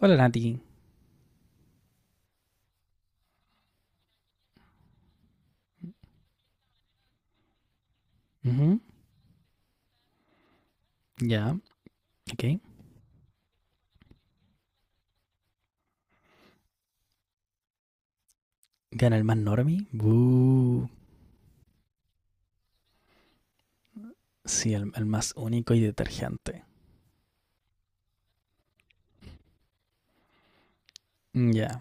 Hola, Nati. Ujú. Ya, ok. Gana el más normie. Buh. Sí, el más único y detergente. Mm. Ya.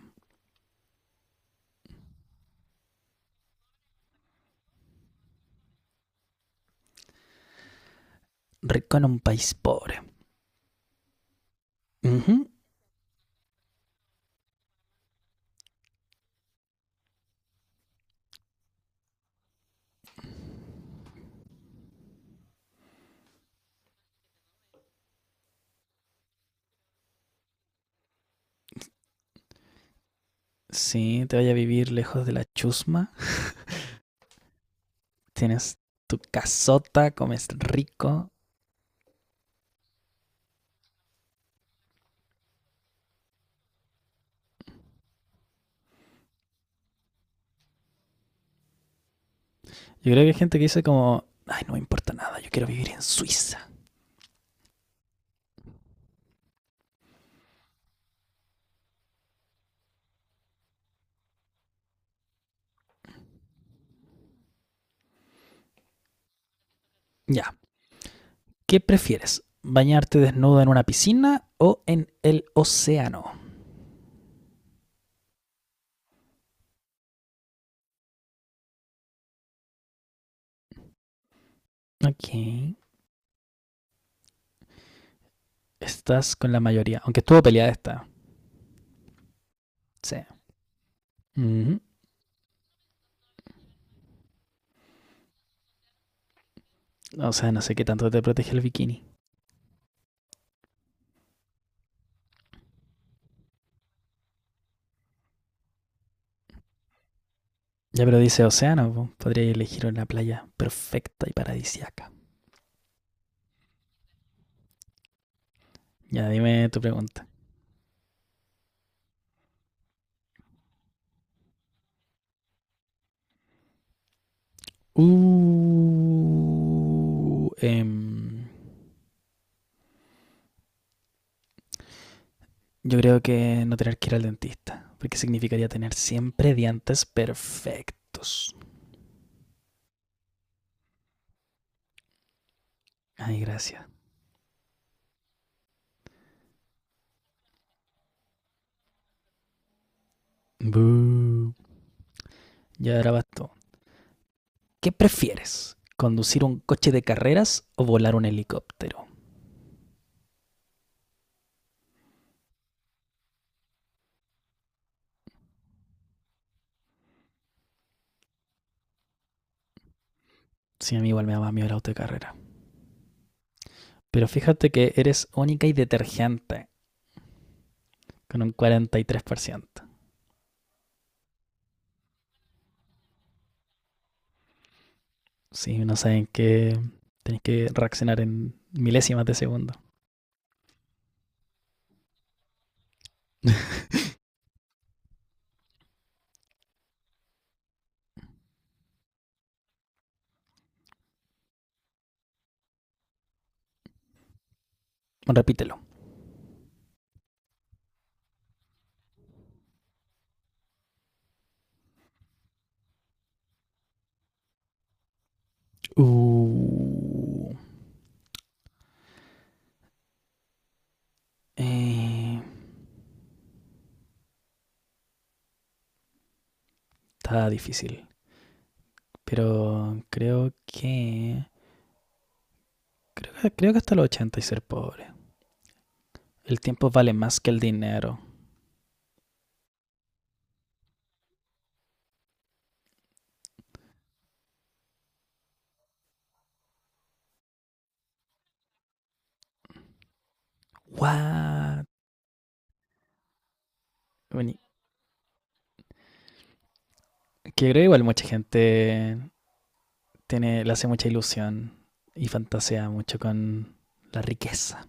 Rico en un país pobre. Ujú. Sí, te vaya a vivir lejos de la chusma. Tienes tu casota, comes rico. Yo creo que hay gente que dice como, ay, no me importa nada, yo quiero vivir en Suiza. Ya. ¿Qué prefieres? ¿Bañarte desnudo en una piscina o en el océano? Ok. Estás con la mayoría, aunque estuvo peleada esta. Sí. Ujú. O sea, no sé qué tanto te protege el bikini. Ya, pero dice océano, po. Podría elegir una playa perfecta y paradisiaca. Ya, dime tu pregunta. Uh, em, yo creo que no tener que ir al dentista, porque significaría tener siempre dientes perfectos. Ay, gracias. Bú. Ya ahora bastó. ¿Qué prefieres? ¿Conducir un coche de carreras o volar un helicóptero? Sí, a mí igual me daba miedo el auto de carrera. Pero fíjate que eres única y detergente, con un 43%. Si no saben que tenéis que reaccionar en milésimas de segundo. Bueno, repítelo. Uh, eh, está difícil. Pero creo que, Creo que hasta los 80 y ser pobre. El tiempo vale más que el dinero. What? Bueno, que creo igual mucha gente tiene, le hace mucha ilusión y fantasea mucho con la riqueza.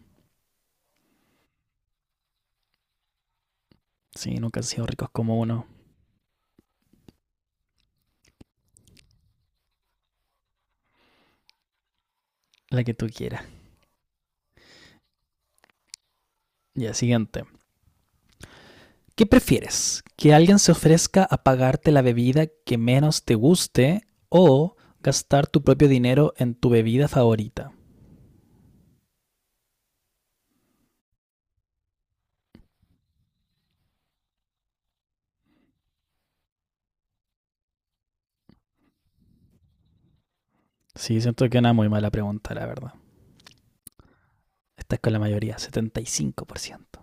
Sí, nunca han sido ricos como uno, la que tú quieras. Ya, siguiente. ¿Qué prefieres? ¿Que alguien se ofrezca a pagarte la bebida que menos te guste o gastar tu propio dinero en tu bebida favorita? Sí, siento que es una muy mala pregunta, la verdad. Esta es con la mayoría, 75%.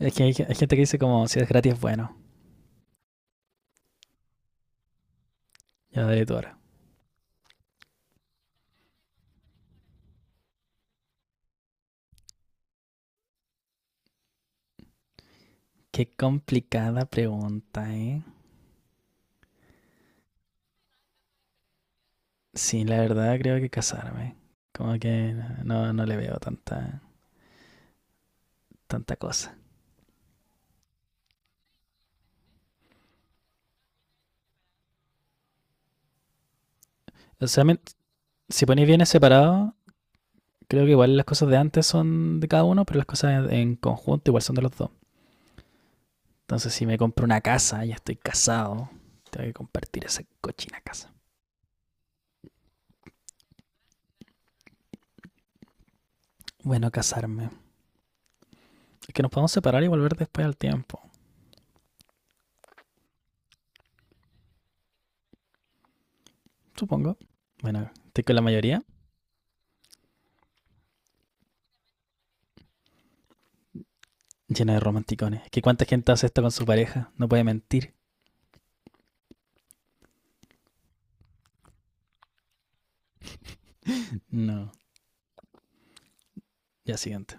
Es que hay gente que dice como, si es gratis, bueno. Ya de tu hora. Qué complicada pregunta, ¿eh? Sí, la verdad creo que casarme. Como que no le veo tanta cosa. O sea, si ponéis bienes separados, creo que igual las cosas de antes son de cada uno, pero las cosas en conjunto igual son de los dos. Entonces, si me compro una casa, ya estoy casado, tengo que compartir esa cochina casa. Bueno, casarme. Es que nos podemos separar y volver después al tiempo, supongo. Bueno, estoy con la mayoría llena de romanticones. ¿Qué cuánta gente hace esto con su pareja? No puede mentir. No. Ya siguiente.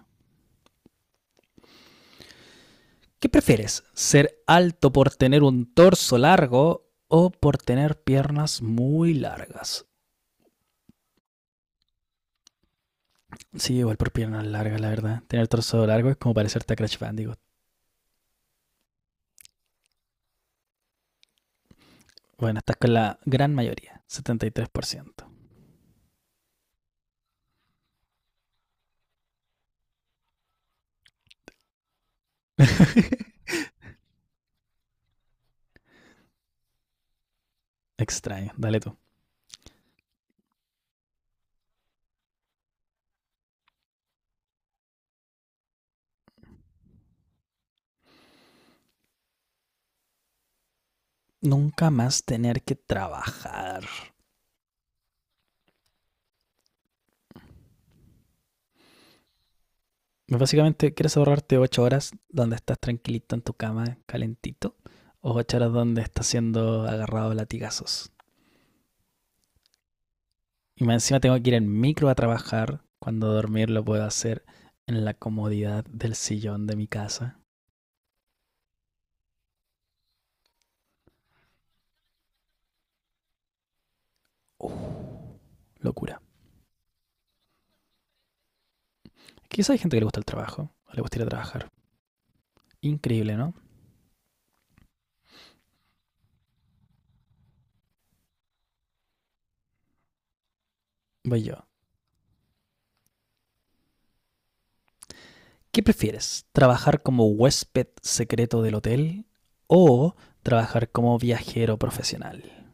¿Qué prefieres? ¿Ser alto por tener un torso largo o por tener piernas muy largas? Sí, igual por piernas largas, la verdad. Tener torso largo es como parecerte a Crash Bandicoot. Bueno, estás con la gran mayoría, 73%. Extraño, dale tú. Nunca más tener que trabajar. Básicamente, ¿quieres ahorrarte 8 horas donde estás tranquilito en tu cama, calentito? ¿O 8 horas donde estás siendo agarrado a latigazos? Y más encima tengo que ir en micro a trabajar, cuando dormir lo puedo hacer en la comodidad del sillón de mi casa. Uh, locura. Quizá hay gente que le gusta el trabajo, o le gusta ir a trabajar. Increíble, ¿no? Voy yo. ¿Qué prefieres? ¿Trabajar como huésped secreto del hotel o trabajar como viajero profesional?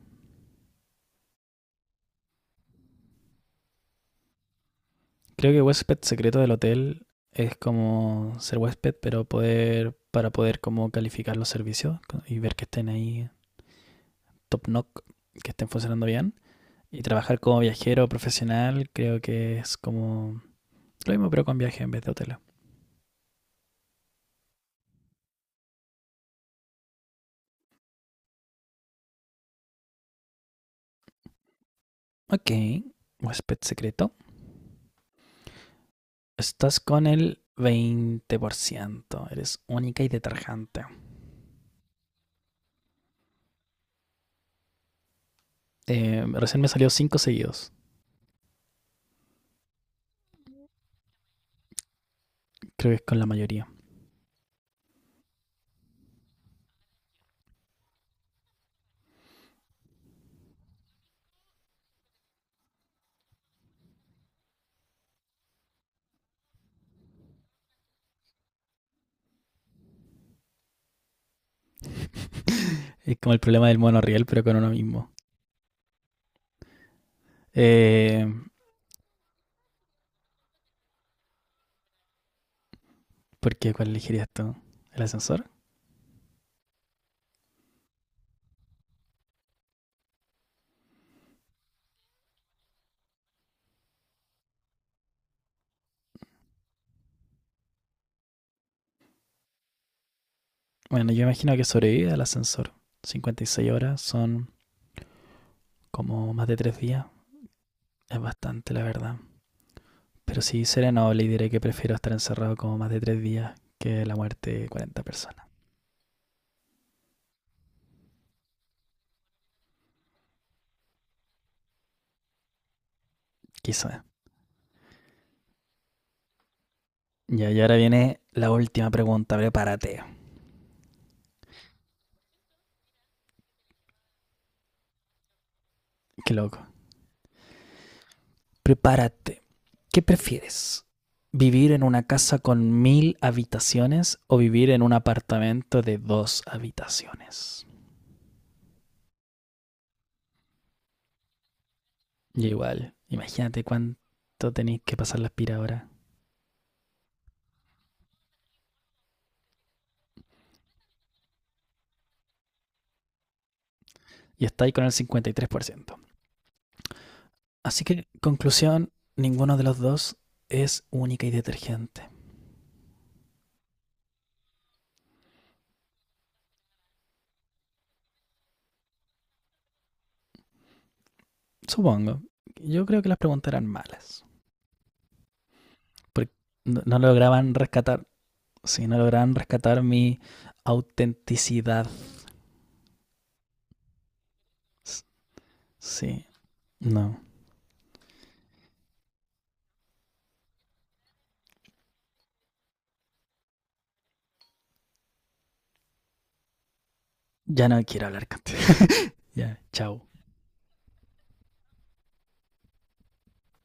Creo que huésped secreto del hotel es como ser huésped, pero poder para poder como calificar los servicios y ver que estén ahí top knock, que estén funcionando bien. Y trabajar como viajero profesional creo que es como lo mismo pero con viaje en vez de hotel. Ok, huésped secreto. Estás con el 20%. Eres única y detergente. Recién me salió cinco seguidos. Creo que es con la mayoría. Es como el problema del monorriel, pero con uno mismo. Eh, ¿Por qué? ¿Cuál elegirías tú? ¿El ascensor? Bueno, yo imagino que sobrevive al ascensor. 56 horas son como más de 3 días. Es bastante, la verdad. Pero sí, seré noble y diré que prefiero estar encerrado como más de 3 días que la muerte de 40 personas. Quizá. Ya, y ahora viene la última pregunta. Prepárate. Qué loco. Prepárate. ¿Qué prefieres? ¿Vivir en una casa con 1000 habitaciones o vivir en un apartamento de 2 habitaciones? Y igual, imagínate cuánto tenéis que pasar la aspiradora. Y estáis con el 53%. Así que, conclusión, ninguno de los dos es única y detergente. Supongo. Yo creo que las preguntas eran malas. Porque no lograban rescatar. Sí, no lograban rescatar mi autenticidad. Sí, no. Ya no quiero hablar contigo. Ya, chao.